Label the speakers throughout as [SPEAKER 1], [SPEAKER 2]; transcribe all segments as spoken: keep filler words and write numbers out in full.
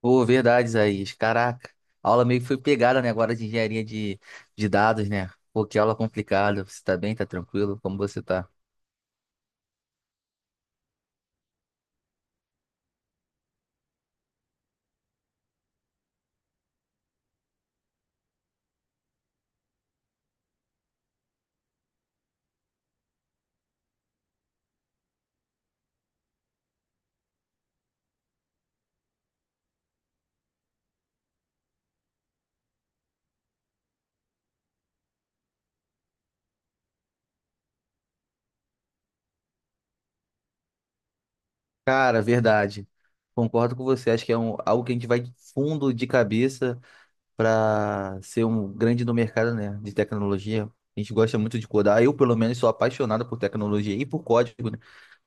[SPEAKER 1] Pô, verdade, Isaías. Caraca, a aula meio que foi pegada, né, agora de engenharia de, de dados, né? Pô, que aula complicada. Você tá bem? Tá tranquilo? Como você tá? Cara, verdade. Concordo com você. Acho que é um, algo que a gente vai fundo de cabeça. Para ser um grande no mercado, né, de tecnologia. A gente gosta muito de codar. Eu, pelo menos, sou apaixonado por tecnologia e por código, né?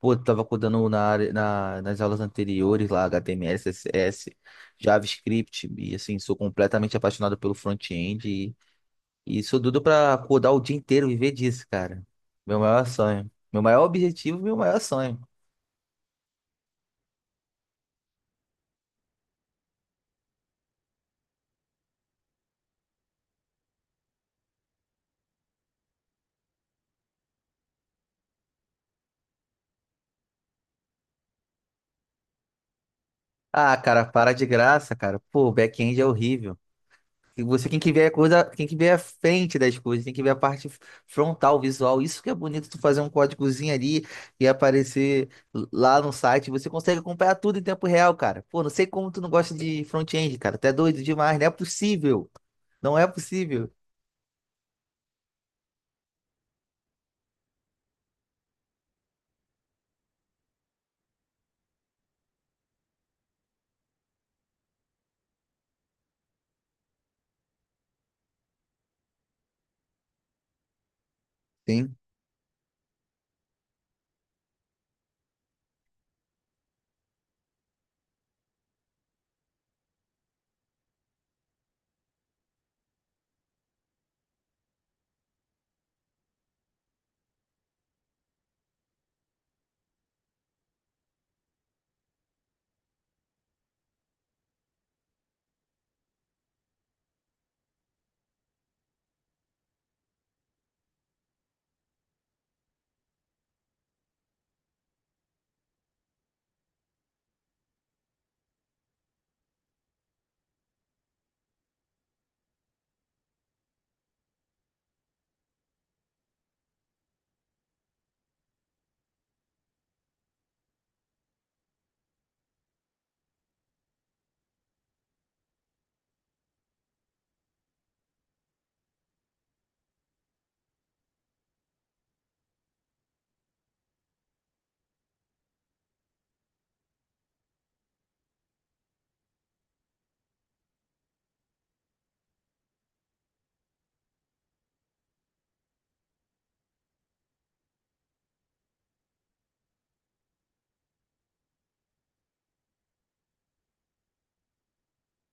[SPEAKER 1] Pô, eu tava codando na área, na, nas aulas anteriores lá, H T M L, C S S, JavaScript, e assim, sou completamente apaixonado pelo front-end e, e sou doido para codar o dia inteiro, viver disso, cara. Meu maior sonho. Meu maior objetivo, meu maior sonho. Ah, cara, para de graça, cara. Pô, o back-end é horrível. E você tem que ver a coisa, tem que ver a frente das coisas, tem que ver a parte frontal, visual. Isso que é bonito, tu fazer um códigozinho ali e aparecer lá no site. Você consegue acompanhar tudo em tempo real, cara. Pô, não sei como tu não gosta de front-end, cara. Tu é doido demais, não é possível. Não é possível. Sim.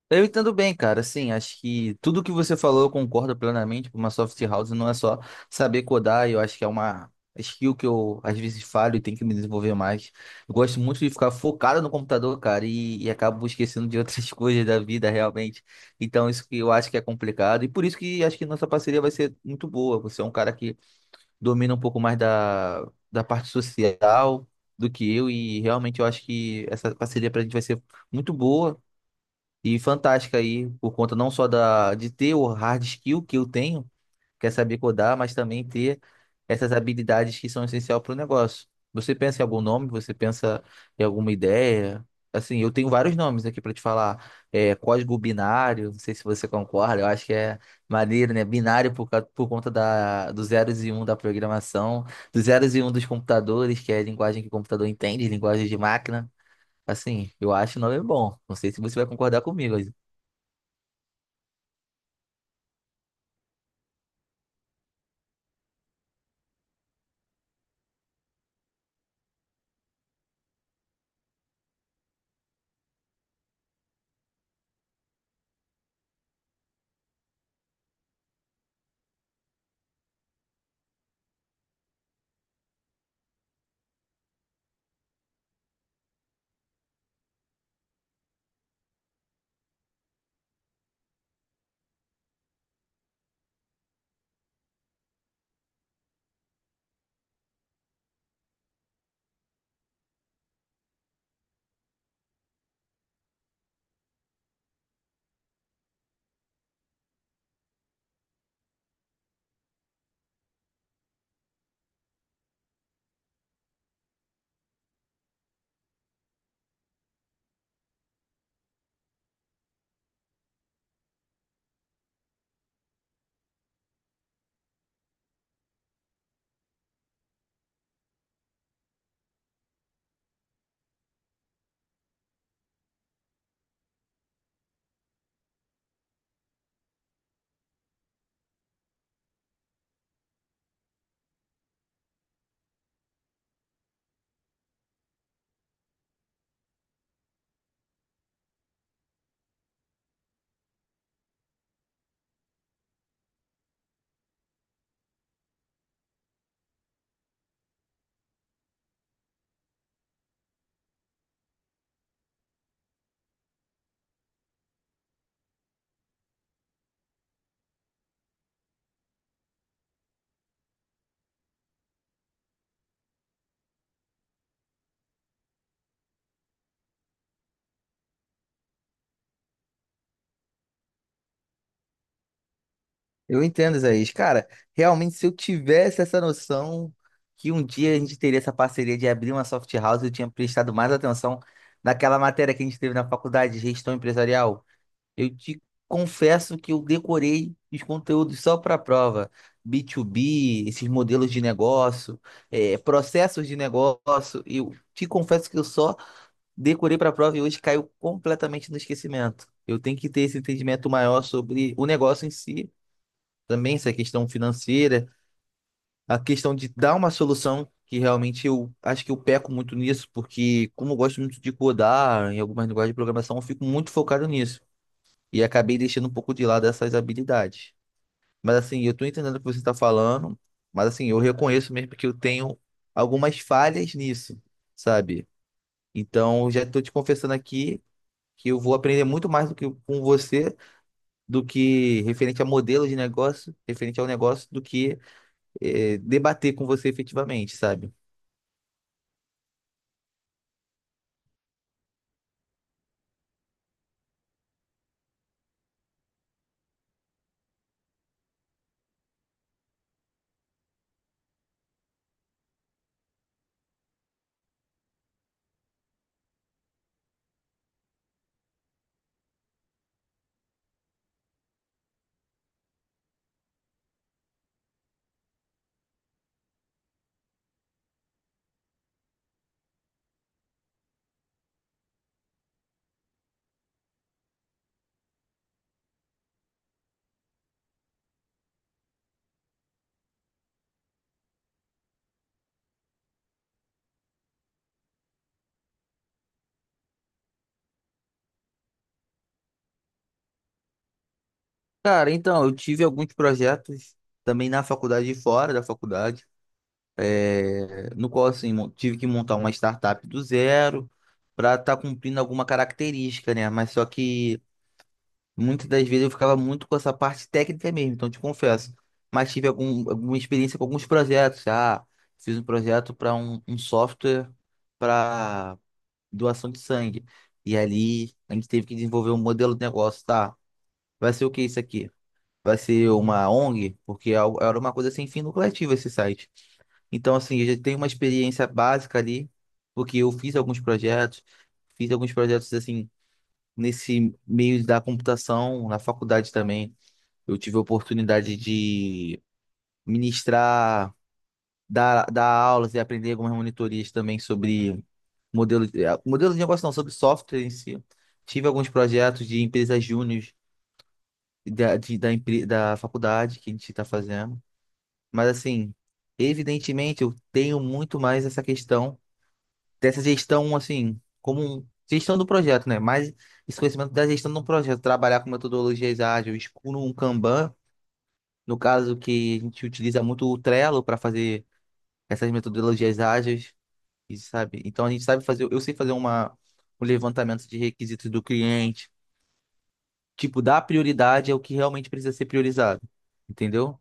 [SPEAKER 1] Eu entendo bem, cara. Assim, acho que tudo que você falou eu concordo plenamente. Uma soft house não é só saber codar, eu acho que é uma skill que eu às vezes falho e tenho que me desenvolver mais. Eu gosto muito de ficar focado no computador, cara, e, e acabo esquecendo de outras coisas da vida realmente. Então, isso que eu acho que é complicado e por isso que acho que nossa parceria vai ser muito boa. Você é um cara que domina um pouco mais da, da parte social do que eu, e realmente eu acho que essa parceria pra gente vai ser muito boa. E fantástica aí, por conta não só da, de ter o hard skill que eu tenho, que é saber codar, mas também ter essas habilidades que são essenciais para o negócio. Você pensa em algum nome? Você pensa em alguma ideia? Assim, eu tenho vários nomes aqui para te falar. É, código binário, não sei se você concorda, eu acho que é maneiro, né? Binário por, ca- por conta da, dos zeros e um da programação, dos zeros e um dos computadores, que é a linguagem que o computador entende, linguagem de máquina. Assim, eu acho o nome bom. Não sei se você vai concordar comigo. Eu entendo, Isaías. Cara, realmente, se eu tivesse essa noção que um dia a gente teria essa parceria de abrir uma soft house, eu tinha prestado mais atenção naquela matéria que a gente teve na faculdade de gestão empresarial. Eu te confesso que eu decorei os conteúdos só para a prova. B dois B, esses modelos de negócio, eh, processos de negócio. Eu te confesso que eu só decorei para a prova e hoje caiu completamente no esquecimento. Eu tenho que ter esse entendimento maior sobre o negócio em si, também essa questão financeira, a questão de dar uma solução, que realmente eu acho que eu peco muito nisso, porque como eu gosto muito de codar em algumas linguagens de programação, eu fico muito focado nisso. E acabei deixando um pouco de lado essas habilidades. Mas assim, eu estou entendendo o que você está falando, mas assim, eu reconheço mesmo que eu tenho algumas falhas nisso, sabe? Então, eu já estou te confessando aqui que eu vou aprender muito mais do que com você, do que referente a modelo de negócio, referente ao negócio, do que é, debater com você efetivamente, sabe? Cara, então, eu tive alguns projetos também na faculdade e fora da faculdade, é, no qual, assim, mon- tive que montar uma startup do zero para estar cumprindo alguma característica, né? Mas só que muitas das vezes eu ficava muito com essa parte técnica mesmo, então te confesso. Mas tive algum, alguma experiência com alguns projetos. Ah, fiz um projeto para um, um software para doação de sangue. E ali a gente teve que desenvolver um modelo de negócio, tá? Vai ser o que isso aqui? Vai ser uma ONG? Porque é al- era uma coisa sem fim lucrativo esse site. Então, assim, eu já tenho uma experiência básica ali, porque eu fiz alguns projetos, fiz alguns projetos, assim, nesse meio da computação, na faculdade também. Eu tive a oportunidade de ministrar, dar, dar aulas e aprender algumas monitorias também sobre modelo, eh, modelo de negócio, não, sobre software em si. Tive alguns projetos de empresas júnior da, de- da, empre- da faculdade que a gente está fazendo. Mas, assim, evidentemente, eu tenho muito mais essa questão dessa gestão, assim, como um- gestão do projeto, né? Mais esse conhecimento da gestão do projeto, trabalhar com metodologias ágeis, com um Kanban, no caso que a gente utiliza muito o Trello para fazer essas metodologias ágeis, e sabe? Então, a gente sabe fazer, eu sei fazer uma, um levantamento de requisitos do cliente, tipo, dar prioridade ao que realmente precisa ser priorizado, entendeu?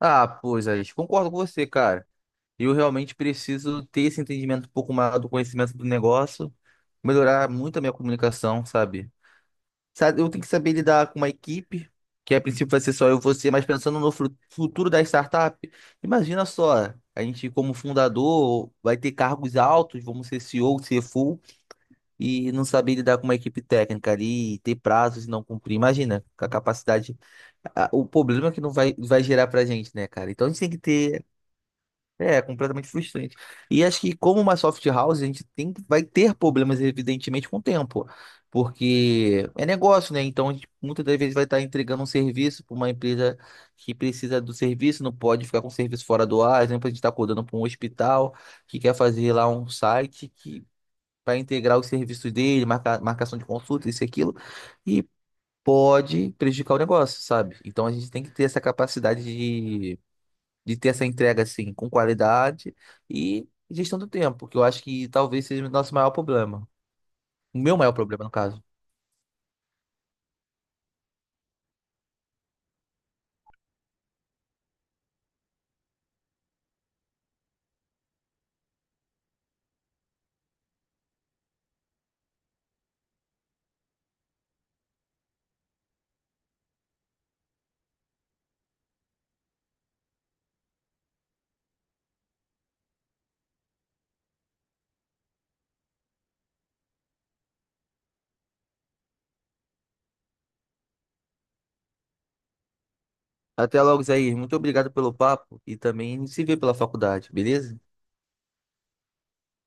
[SPEAKER 1] Ah, pois, Alex, concordo com você, cara. Eu realmente preciso ter esse entendimento um pouco maior do conhecimento do negócio, melhorar muito a minha comunicação, sabe? Sabe, eu tenho que saber lidar com uma equipe, que a princípio vai ser só eu e você, mas pensando no fru- futuro da startup. Imagina só, a gente como fundador vai ter cargos altos, vamos ser C E O, C F O, e não saber lidar com uma equipe técnica ali, e ter prazos e não cumprir. Imagina, com a capacidade a- o problema que não vai, vai gerar pra gente, né, cara? Então, a gente tem que ter. É, completamente frustrante. E acho que como uma soft house, a gente tem, vai ter problemas, evidentemente, com o tempo. Porque é negócio, né? Então, a gente muitas das vezes vai estar entregando um serviço para uma empresa que precisa do serviço, não pode ficar com o serviço fora do ar. Por Exemplo, a gente está acordando para um hospital que quer fazer lá um site que para integrar os serviços dele, marca, marcação de consulta, isso e aquilo, e pode prejudicar o negócio, sabe? Então, a gente tem que ter essa capacidade de ter essa entrega assim com qualidade e gestão do tempo, que eu acho que talvez seja o nosso maior problema. O meu maior problema, no caso. Até logo, Zair. Muito obrigado pelo papo e também se vê pela faculdade, beleza?